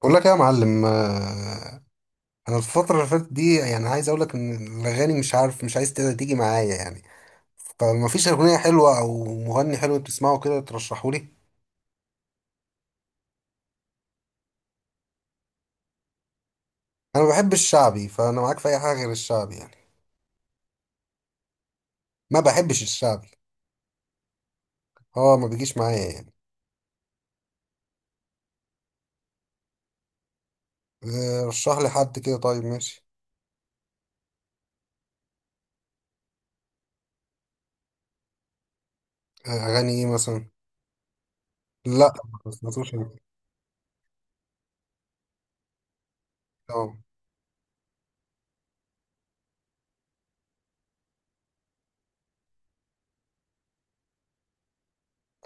بقول لك إيه يا معلم، آه، انا الفتره اللي فاتت دي، عايز اقول لك ان الاغاني، مش عارف، مش عايز تقدر تيجي معايا فما فيش اغنيه حلوه او مغني حلو تسمعه كده ترشحه لي. انا ما بحبش الشعبي، فانا معاك في اي حاجه غير الشعبي ما بحبش الشعبي. هو ما بيجيش معايا آه، رشح لي حد كده، طيب ماشي. آه، اغاني ايه مثلا؟ لا ما سمعتوش أنا. آه،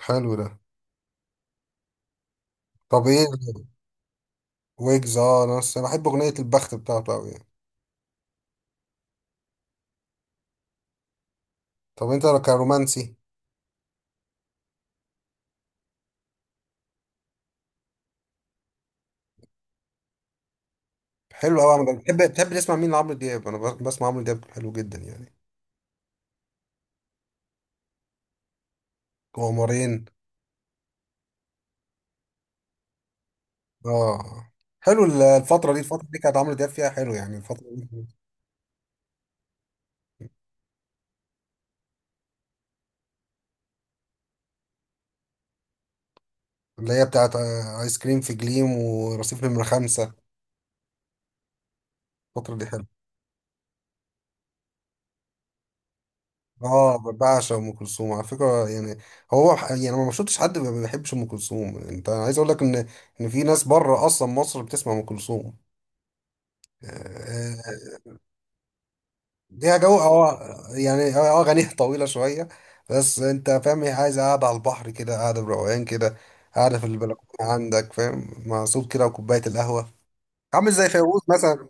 حلو ده. طب ايه؟ ويجز، اه انا بس بحب اغنيه البخت بتاعته قوي طب انت كرومانسي؟ حلو قوي. انا بحب، بتحب تسمع مين لعمرو دياب؟ انا بسمع عمرو دياب حلو جدا قمرين. اه حلو. الفترة دي، الفترة دي كانت عمرو دياب فيها حلو يعني الفترة دي. اللي هي بتاعت آه، آيس كريم في جليم ورصيف نمرة خمسة. الفترة دي حلو. اه بعشق ام كلثوم على فكرة هو يعني أنا ما شفتش حد ما بيحبش ام كلثوم. انت عايز اقول لك ان، ان في ناس بره اصلا مصر بتسمع ام كلثوم. آه، آه، ليها جو اه. يعني اه اغانيها طويله شويه. بس انت فاهم، هي عايزه قاعده على البحر كده، قاعده بروقان كده، قاعده في البلكونه عندك فاهم، مع صوت كده وكوبايه القهوه. عامل زي فيروز مثلا.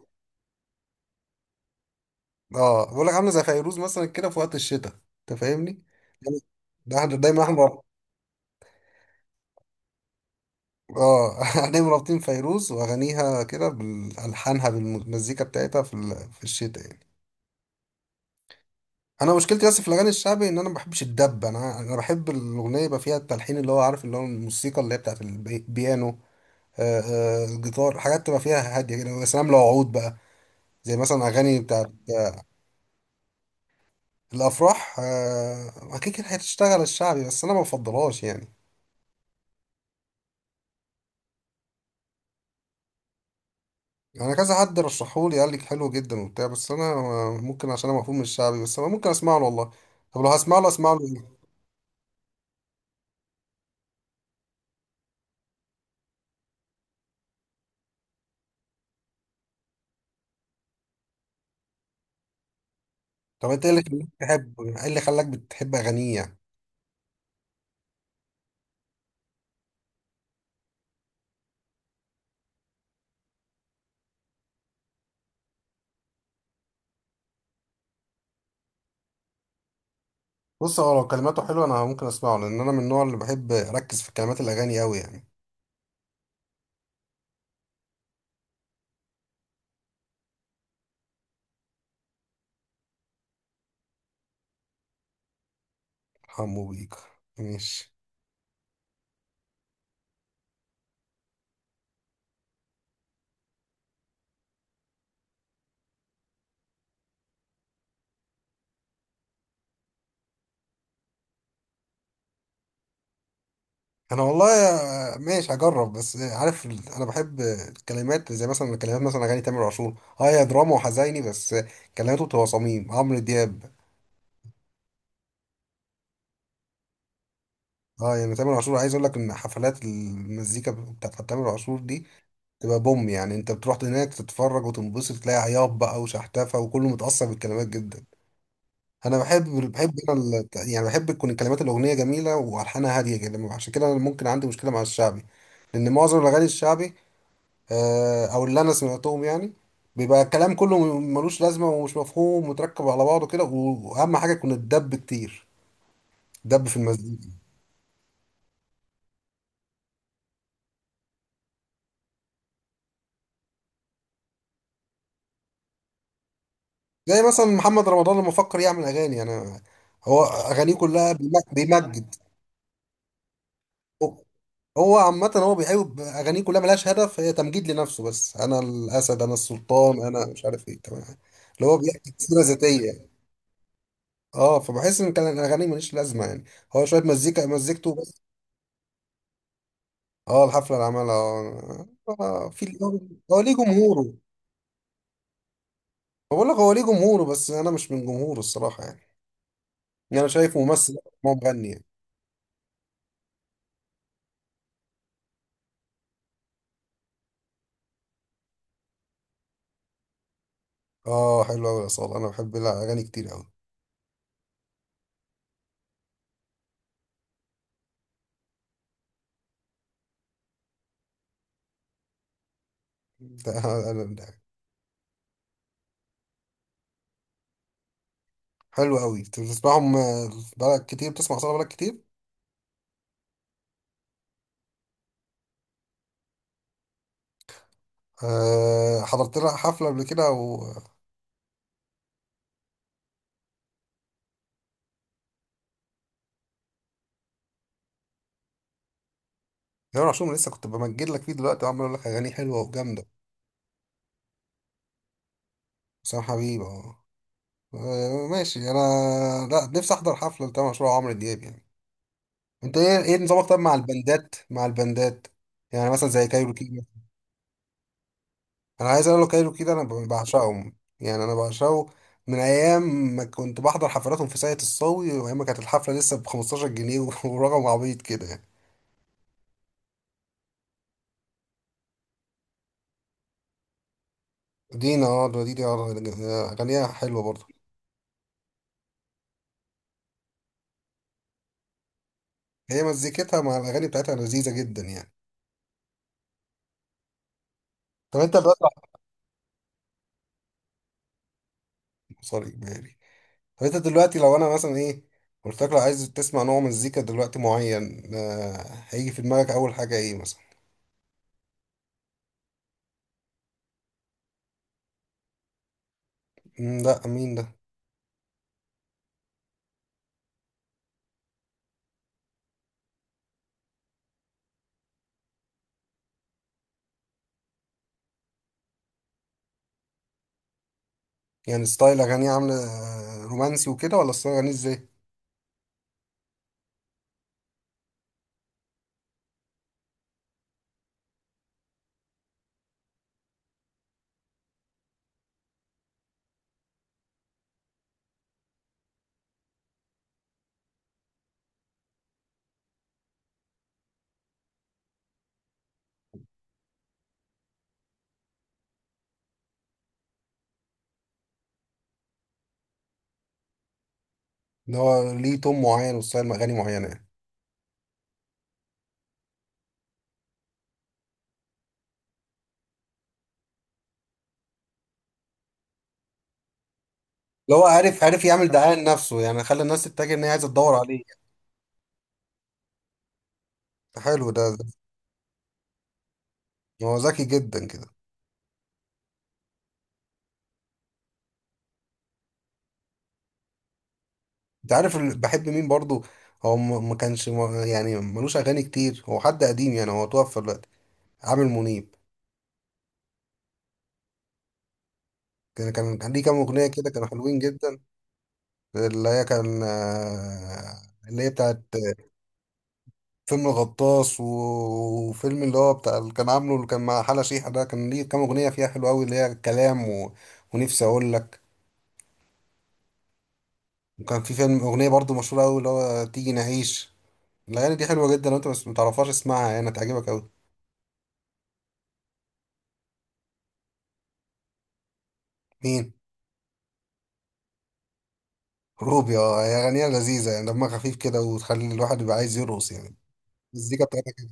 اه بقول لك عامله زي فيروز مثلا كده في وقت الشتاء. انت فاهمني؟ يعني ده احنا دايما احنا، اه احنا مربطين فيروز واغانيها كده بالحانها بالمزيكا بتاعتها في في الشتاء انا مشكلتي بس في الاغاني الشعبي، ان انا ما بحبش الدب. انا بحب الاغنيه يبقى فيها التلحين اللي هو عارف، اللي هو الموسيقى اللي هي بتاعت البيانو، آه، آه، الجيتار، حاجات تبقى فيها هاديه كده. يا سلام لو عود بقى، زي مثلا اغاني بتاعت آه، الافراح، آه، اكيد كده هتشتغل الشعبي بس انا ما بفضلهاش انا كذا حد رشحولي قال لي حلو جدا وبتاع، بس انا آه، ممكن عشان انا مفهوم من الشعبي، بس انا ممكن اسمع له والله. طب لو هسمع له، اسمع له ايه؟ طب انت ايه اللي خلاك تحب، ايه اللي خلاك بتحب اغانيه بص هو لو كلماته حلوه انا ممكن اسمعه، لان انا من النوع اللي بحب اركز في كلمات الاغاني قوي حمو بيك، ماشي. انا والله ماشي هجرب. بس عارف انا بحب الكلمات، زي مثلا الكلمات مثلا اغاني تامر عاشور. اه هي دراما وحزيني بس كلماته بتبقى صميم عمرو دياب. اه تامر عاشور، عايز اقول لك ان حفلات المزيكا بتاعت تامر عاشور دي تبقى بوم انت بتروح هناك تتفرج وتنبسط تلاقي عياط بقى وشحتفة وكله متأثر بالكلمات جدا. انا بحب، بحب انا ال- يعني بحب تكون كلمات الاغنيه جميله والحانها هاديه جدا. عشان كده انا ممكن عندي مشكله مع الشعبي، لان معظم الاغاني الشعبي، آه، او اللي انا سمعتهم يعني، بيبقى الكلام كله ملوش لازمه ومش مفهوم ومتركب على بعضه كده، واهم حاجه يكون الدب كتير، دب في المزيكا. زي مثلا محمد رمضان لما فكر يعمل اغاني، انا، هو اغانيه كلها بيمجد. هو عامة هو بيحب أغانيه كلها ملهاش هدف، هي تمجيد لنفسه بس. أنا الأسد، أنا السلطان، أنا مش عارف إيه، تمام، اللي هو بيحكي سيرة ذاتية. أه فبحس إن كان الأغاني مليش لازمة هو شوية مزيكا مزيكته بس. أه الحفلة اللي عملها أه، آه، في هو، هو ليه جمهوره. بقول لك هو ليه جمهوره بس أنا مش من جمهوره الصراحة يعني أنا شايف ممثل، هو مغني أه حلو أوي يا صالح. أنا بحب الأغاني كتير أوي. ده- ده- ده- حلو أوي. أنت بتسمعهم آه، بقالك كتير بتسمع صالح بقالك كتير؟ أه حضرت لها حفلة قبل كده و، جمال عاشور لسه كنت بمجد لك فيه دلوقتي وعمال اقول لك أغاني حلوة وجامدة. حسام حبيب اه، آه، ماشي أنا، لا نفسي أحضر حفلة لتامر عاشور وعمرو دياب أنت إيه، إيه نظامك طب مع البندات، مع البندات، يعني مثلا زي كايروكي مثلاً. أنا عايز أقول له كايروكي ده أنا بعشقهم يعني، أنا بعشقه من أيام ما كنت بحضر حفلاتهم في ساقية الصاوي، وأيام ما كانت الحفلة لسه ب 15 جنيه ورقم عبيط كده دينا اه، دينا آه، أغانيها حلوة برضه. هي مزيكتها مع الاغاني بتاعتها لذيذه جدا طب انت دلوقتي، سوري بالي، طب انت دلوقتي لو انا مثلا ايه، قلت لك لو عايز تسمع نوع مزيكا دلوقتي معين آه، هيجي في دماغك اول حاجه ايه مثلا؟ مم، لا مين ده؟ يعني ستايل اغانيه عامله آه، رومانسي وكده ولا ستايل اغانيه ازاي؟ اللي هو ليه تون معين وستايل اغاني معينه اللي هو عارف، يعمل دعايه لنفسه يعني، خلى الناس تتجه ان هي عايزه تدور عليه. حلو ده ده. هو ذكي جدا كده. انت عارف بحب مين برضو؟ هو ما كانش ملوش اغاني كتير. هو حد قديم يعني، هو توفى دلوقتي، عامر منيب. كان ليه كام اغنيه كده كانوا حلوين جدا. اللي هي كان آه، اللي هي بتاعت فيلم الغطاس، وفيلم اللي هو بتاع اللي كان عامله اللي كان مع حلا شيحة، ده كان ليه كام اغنيه فيها حلوه قوي اللي هي كلام و... ونفسي اقول لك. وكان في فيلم اغنيه برضو مشهوره قوي اللي هو تيجي نعيش. الاغاني دي حلوه جدا، لو انت بس متعرفهاش اسمعها يعني هتعجبك قوي. مين؟ روبي؟ اه هي أغنية لذيذة يعني، دمها خفيف كده وتخلي الواحد يبقى عايز يرقص المزيكا بتاعتها كده،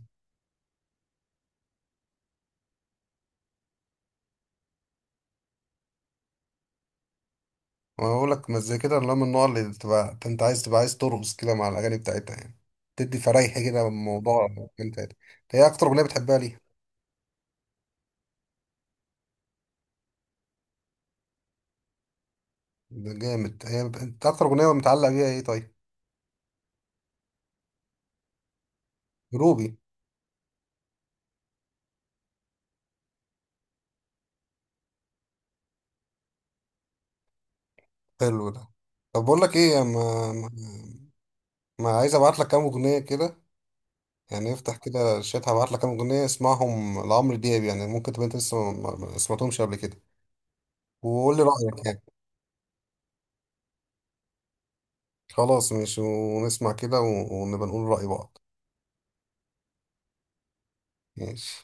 ما بقول لك مزيكا كده اللي هو من النوع اللي تبقى أنت عايز، تبقى عايز ترقص كده مع الأغاني بتاعتها تدي فريحة كده الموضوع. أنت هي أكتر أغنية بتحبها ليها؟ ده جامد. هي أنت أكتر أغنية متعلقة بيها إيه طيب؟ روبي. حلو ده. طب بقول لك إيه، ما عايز أبعت لك كام أغنية كده افتح كده الشات هبعت لك كام أغنية اسمعهم لعمرو دياب، يعني ممكن تبقى أنت لسه ما سمعتهمش قبل كده وقول لي رأيك خلاص ماشي، ونسمع كده ونبقى نقول رأي بعض. ماشي.